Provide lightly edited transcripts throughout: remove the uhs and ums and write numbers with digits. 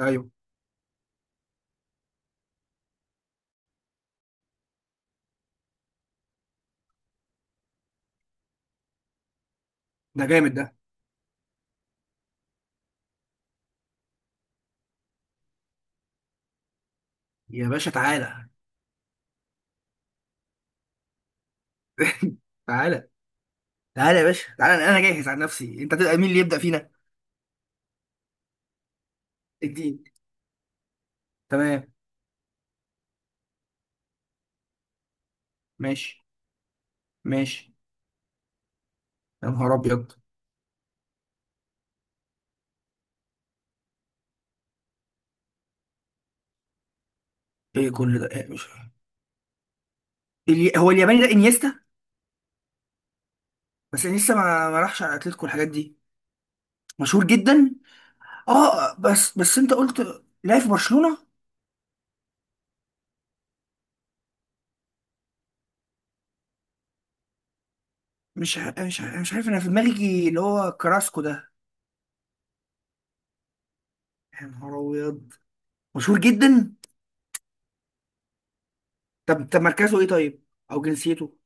ايوه. ده جامد ده. يا باشا تعالى. تعالى، تعالى، يا باشا تعالى، انا جاهز على نفسي، انت تبقى مين اللي يبدأ فينا؟ الدين. تمام. ماشي. ماشي. يا نهار ابيض. ايه كل ده ايه يا باشا؟ هو الياباني ده انيستا؟ بس انيستا ما راحش على اتلتيكو والحاجات دي. مشهور جدا. اه، بس انت قلت لا في برشلونة. مش عارف، انا في دماغي اللي هو كراسكو ده. يا نهار ابيض. مشهور جدا. طب مركزه ايه طيب؟ او جنسيته؟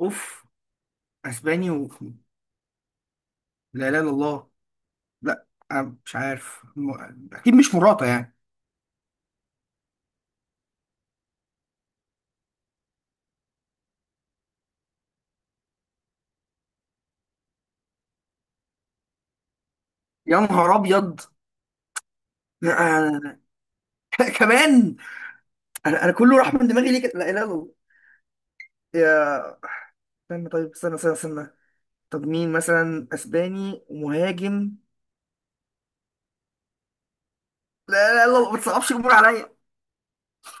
اوف. اسباني. لا اله الا الله. لا. أنا مش عارف اكيد مش مراته يعني. يا نهار ابيض. أنا... كمان. انا كله راح من دماغي ليه كده؟ لا اله الا الله. يا استنى، طيب استنى، استنى، استنى. طب مين مثلا اسباني ومهاجم؟ لا، لا، لا، ما تصعبش الامور عليا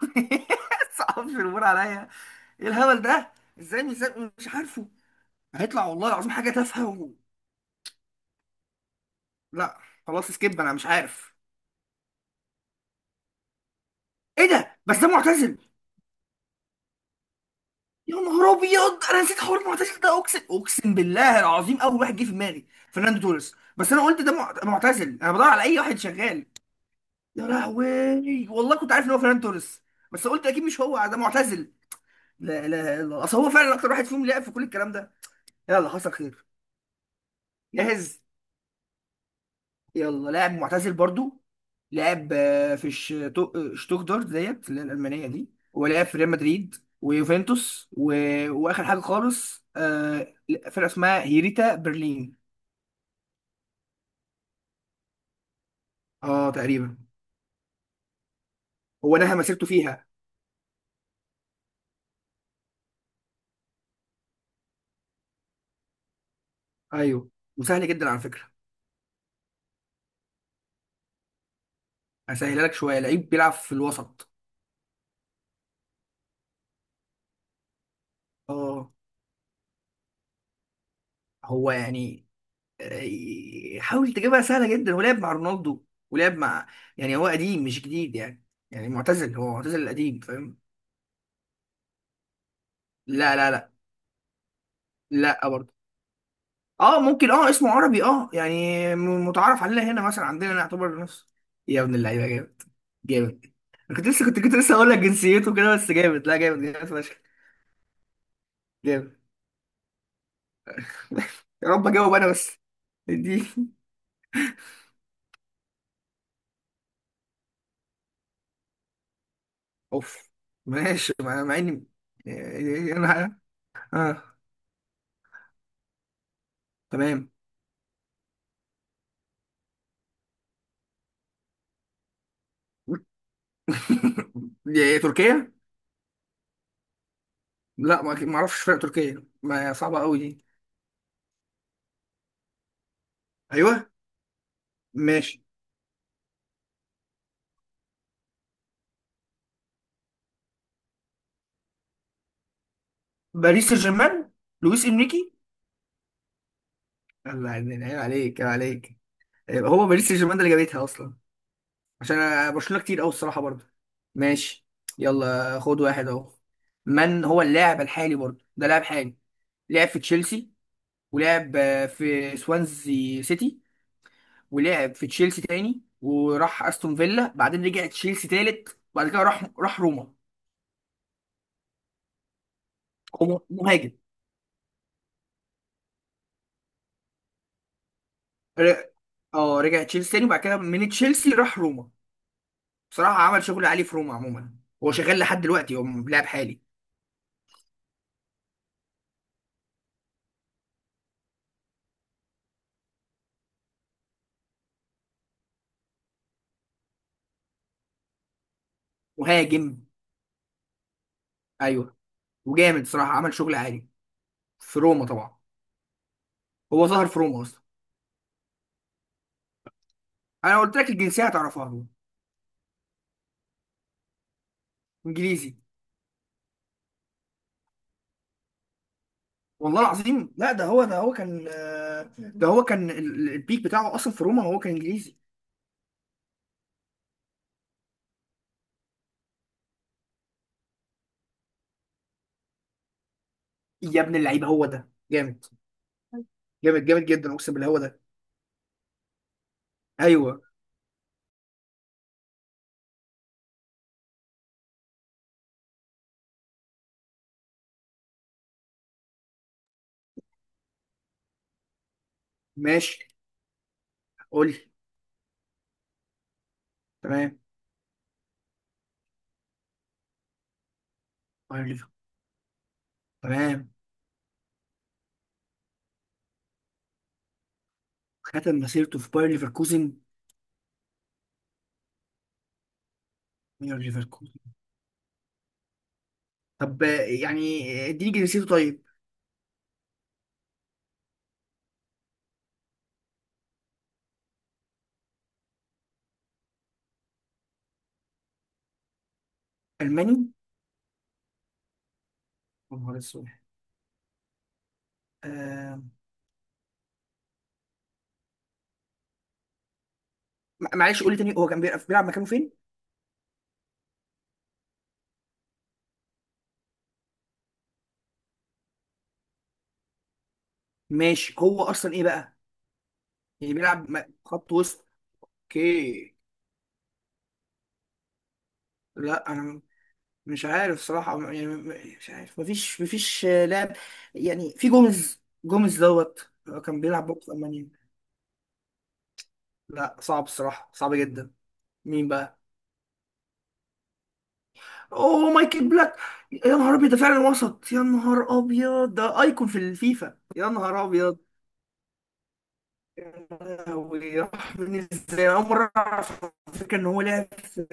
ما تصعبش الامور عليا. ايه الهبل ده؟ ازاي مش عارفه. هيطلع والله العظيم حاجه تافهه لا. خلاص، سكيب انا مش عارف. ايه ده، بس ده معتزل. يا نهار ابيض، انا نسيت حوار المعتزل ده، اقسم، اقسم بالله العظيم اول واحد جه في دماغي فرناندو توريس، بس انا قلت ده معتزل، انا بدور على اي واحد شغال. يا لهوي، والله كنت عارف ان هو فرناندو توريس، بس قلت اكيد مش هو ده معتزل. لا، لا، لا، اصل هو فعلا اكتر واحد فيهم لعب في كل الكلام ده. يلا، حصل خير. جاهز. يلا. لاعب معتزل برضو. لعب في شتوتغارت ديت اللي هي الألمانية دي، ولعب في ريال مدريد، ويوفنتوس وآخر حاجة خالص فرقة اسمها هيريتا برلين. اه، تقريبا. هو نهى مسيرته فيها. ايوه. وسهل جدا على فكرة. هسهلها لك شوية، لعيب بيلعب في الوسط. اه، هو يعني حاول تجيبها سهلة جدا، ولعب مع رونالدو، ولعب مع، يعني هو قديم مش جديد يعني، يعني معتزل، هو معتزل قديم، فاهم؟ لا، لا، لا. لا برضه. اه، ممكن، اه اسمه عربي، اه يعني متعارف عليه هنا، مثلا عندنا نعتبر نفس. يا ابن اللعيبه، جامد. جامد. أنا كنت لسه، كنت لسه هقول لك جنسيته كده، بس جامد، لا، جامد، جامد فشخ. جامد. يا رب اجاوب انا بس دي. اوف. ماشي، مع اني إيه، انا اه. تمام. دي تركيا. لا، ما اعرفش فرق تركيا، ما صعبه قوي دي. ايوه. ماشي. باريس سان جيرمان. لويس انريكي. الله، عيب عليك، عيب عليك. يبقى هو باريس سان جيرمان ده اللي جابتها اصلا، عشان أنا- برشلونه كتير قوي الصراحه برضه. ماشي، يلا خد واحد اهو. من هو اللاعب الحالي برضه؟ ده لاعب حالي. لعب في تشيلسي، ولعب في سوانزي سيتي، ولعب في تشيلسي تاني، وراح استون فيلا، بعدين رجع تشيلسي تالت، وبعد كده راح روما. هو مهاجم. ر- اه، رجع تشيلسي تاني، وبعد كده من تشيلسي راح روما. بصراحه عمل شغل عالي في روما عموما. هو شغال لحد دلوقتي، هو لاعب حالي. مهاجم. ايوه. وجامد صراحه، عمل شغل عالي في روما طبعا. هو ظهر في روما اصلا. انا قلت لك الجنسيه هتعرفها هو. انجليزي. والله العظيم، لا، ده هو ده هو كان آه، ده هو كان البيك بتاعه اصلا في روما، هو كان انجليزي. يا ابن اللعيبه، هو ده جامد. جامد، جامد جدا، اقسم بالله هو ده. ايوه. ماشي. قول لي. تمام. باير ليفركوزن. تمام. ختم مسيرته في باير ليفركوزن. باير ليفركوزن. طب يعني اديني جنسيته طيب. الماني. يا نهار اسود. آه، معلش، قول لي تاني، هو كان بيلعب مكانه فين؟ ماشي. هو اصلا ايه بقى؟ يعني بيلعب خط وسط. اوكي. لا، انا مش عارف صراحة يعني، مش عارف. مفيش لاعب يعني. في جوميز، جوميز دوت. كان بيلعب برضه في المانيا. لا، صعب الصراحة، صعب جدا. مين بقى؟ اوه، مايكل بلاك. يا نهار ابيض، ده فعلا وسط. يا نهار ابيض، ده ايكون في الفيفا. يا نهار ابيض. يا لهوي، راح مني ازاي؟ أنا اول مرة اعرف على فكرة ان هو لعب في.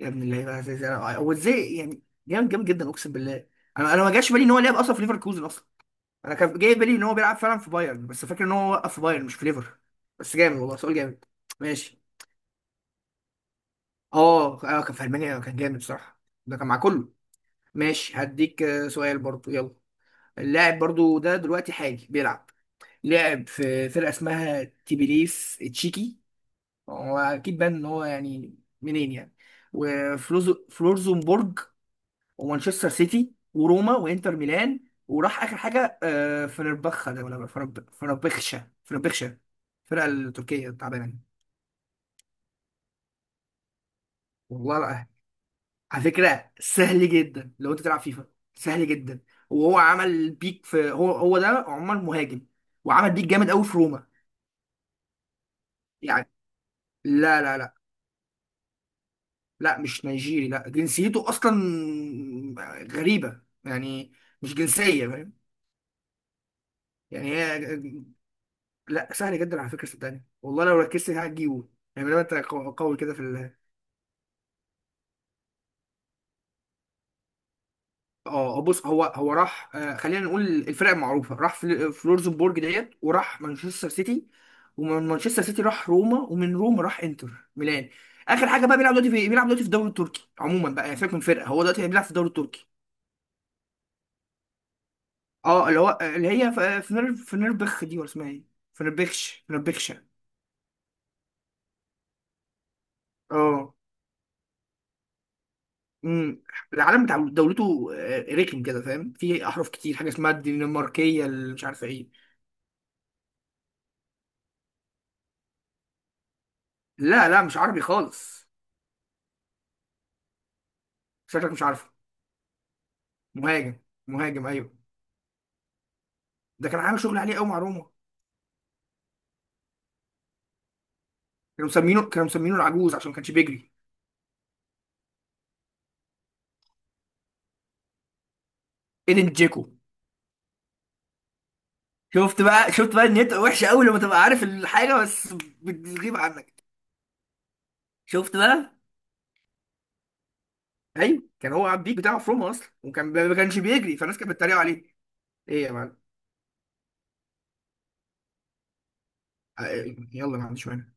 يا ابن اللعيبه، ازاي، ازاي انا، وازاي يعني. جامد، جامد جدا، اقسم بالله. انا ما جاش بالي ان هو لعب اصلا في ليفركوزن اصلا. انا كان جاي بالي ان هو بيلعب فعلا في بايرن، بس فاكر ان هو وقف في بايرن مش في ليفر. بس جامد، والله سؤال جامد. ماشي. اه، كان في المانيا كان جامد بصراحه. ده كان مع كله. ماشي. هديك سؤال برضو. يلا. اللاعب برضو ده دلوقتي حالي بيلعب. لعب في فرقه اسمها تبليس تشيكي. هو اكيد بان ان هو يعني منين يعني. وفلورزبورغ، ومانشستر سيتي، وروما، وانتر ميلان. وراح اخر حاجه فنربخة ده، ولا فنربخشة. فنربخشة. الفرقه التركيه التعبانه دي. والله لا. على فكره سهل جدا لو انت تلعب فيفا. سهل جدا. وهو عمل بيك في، هو ده عمر مهاجم، وعمل بيك جامد قوي في روما. يعني. لا، لا، لا. لا، مش نيجيري، لا جنسيته اصلا غريبه يعني، مش جنسيه فاهم؟ يعني هي. لا، سهل جدا على فكره، صدقني والله لو ركزت هتجيبه. يعني لما انت قوي كده في ال. اه، بص، هو راح خلينا نقول الفرق المعروفه، راح فلورزبورج ديت، وراح مانشستر سيتي، ومن مانشستر سيتي راح روما، ومن روما راح انتر ميلان. اخر حاجه بقى بيلعب دلوقتي في الدوري التركي عموما بقى، يعني سيبك من فرقه، هو دلوقتي بيلعب في الدوري التركي. اه، اللي هو اللي هي فنربخ دي ولا اسمها ايه؟ فنربخشه. اه. امم العلم بتاع دولته رخم كده فاهم، في احرف كتير، حاجه اسمها الدنماركيه اللي مش عارفه ايه. لا، لا، مش عربي خالص. شكلك مش عارفه. مهاجم. مهاجم. ايوه. ده كان عامل شغل عليه قوي مع روما. كانوا مسمينه العجوز عشان ما كانش بيجري. ايدن جيكو. شفت بقى، شفت بقى ان انت وحشه قوي لما تبقى عارف الحاجه بس بتغيب عنك. شفت بقى. ايوه، كان هو عبد البيك بتاعه في روما اصلا، وكان ما كانش بيجري فالناس كانت بتتريق عليه. ايه يا معلم؟ يلا، ما عنديش مانع.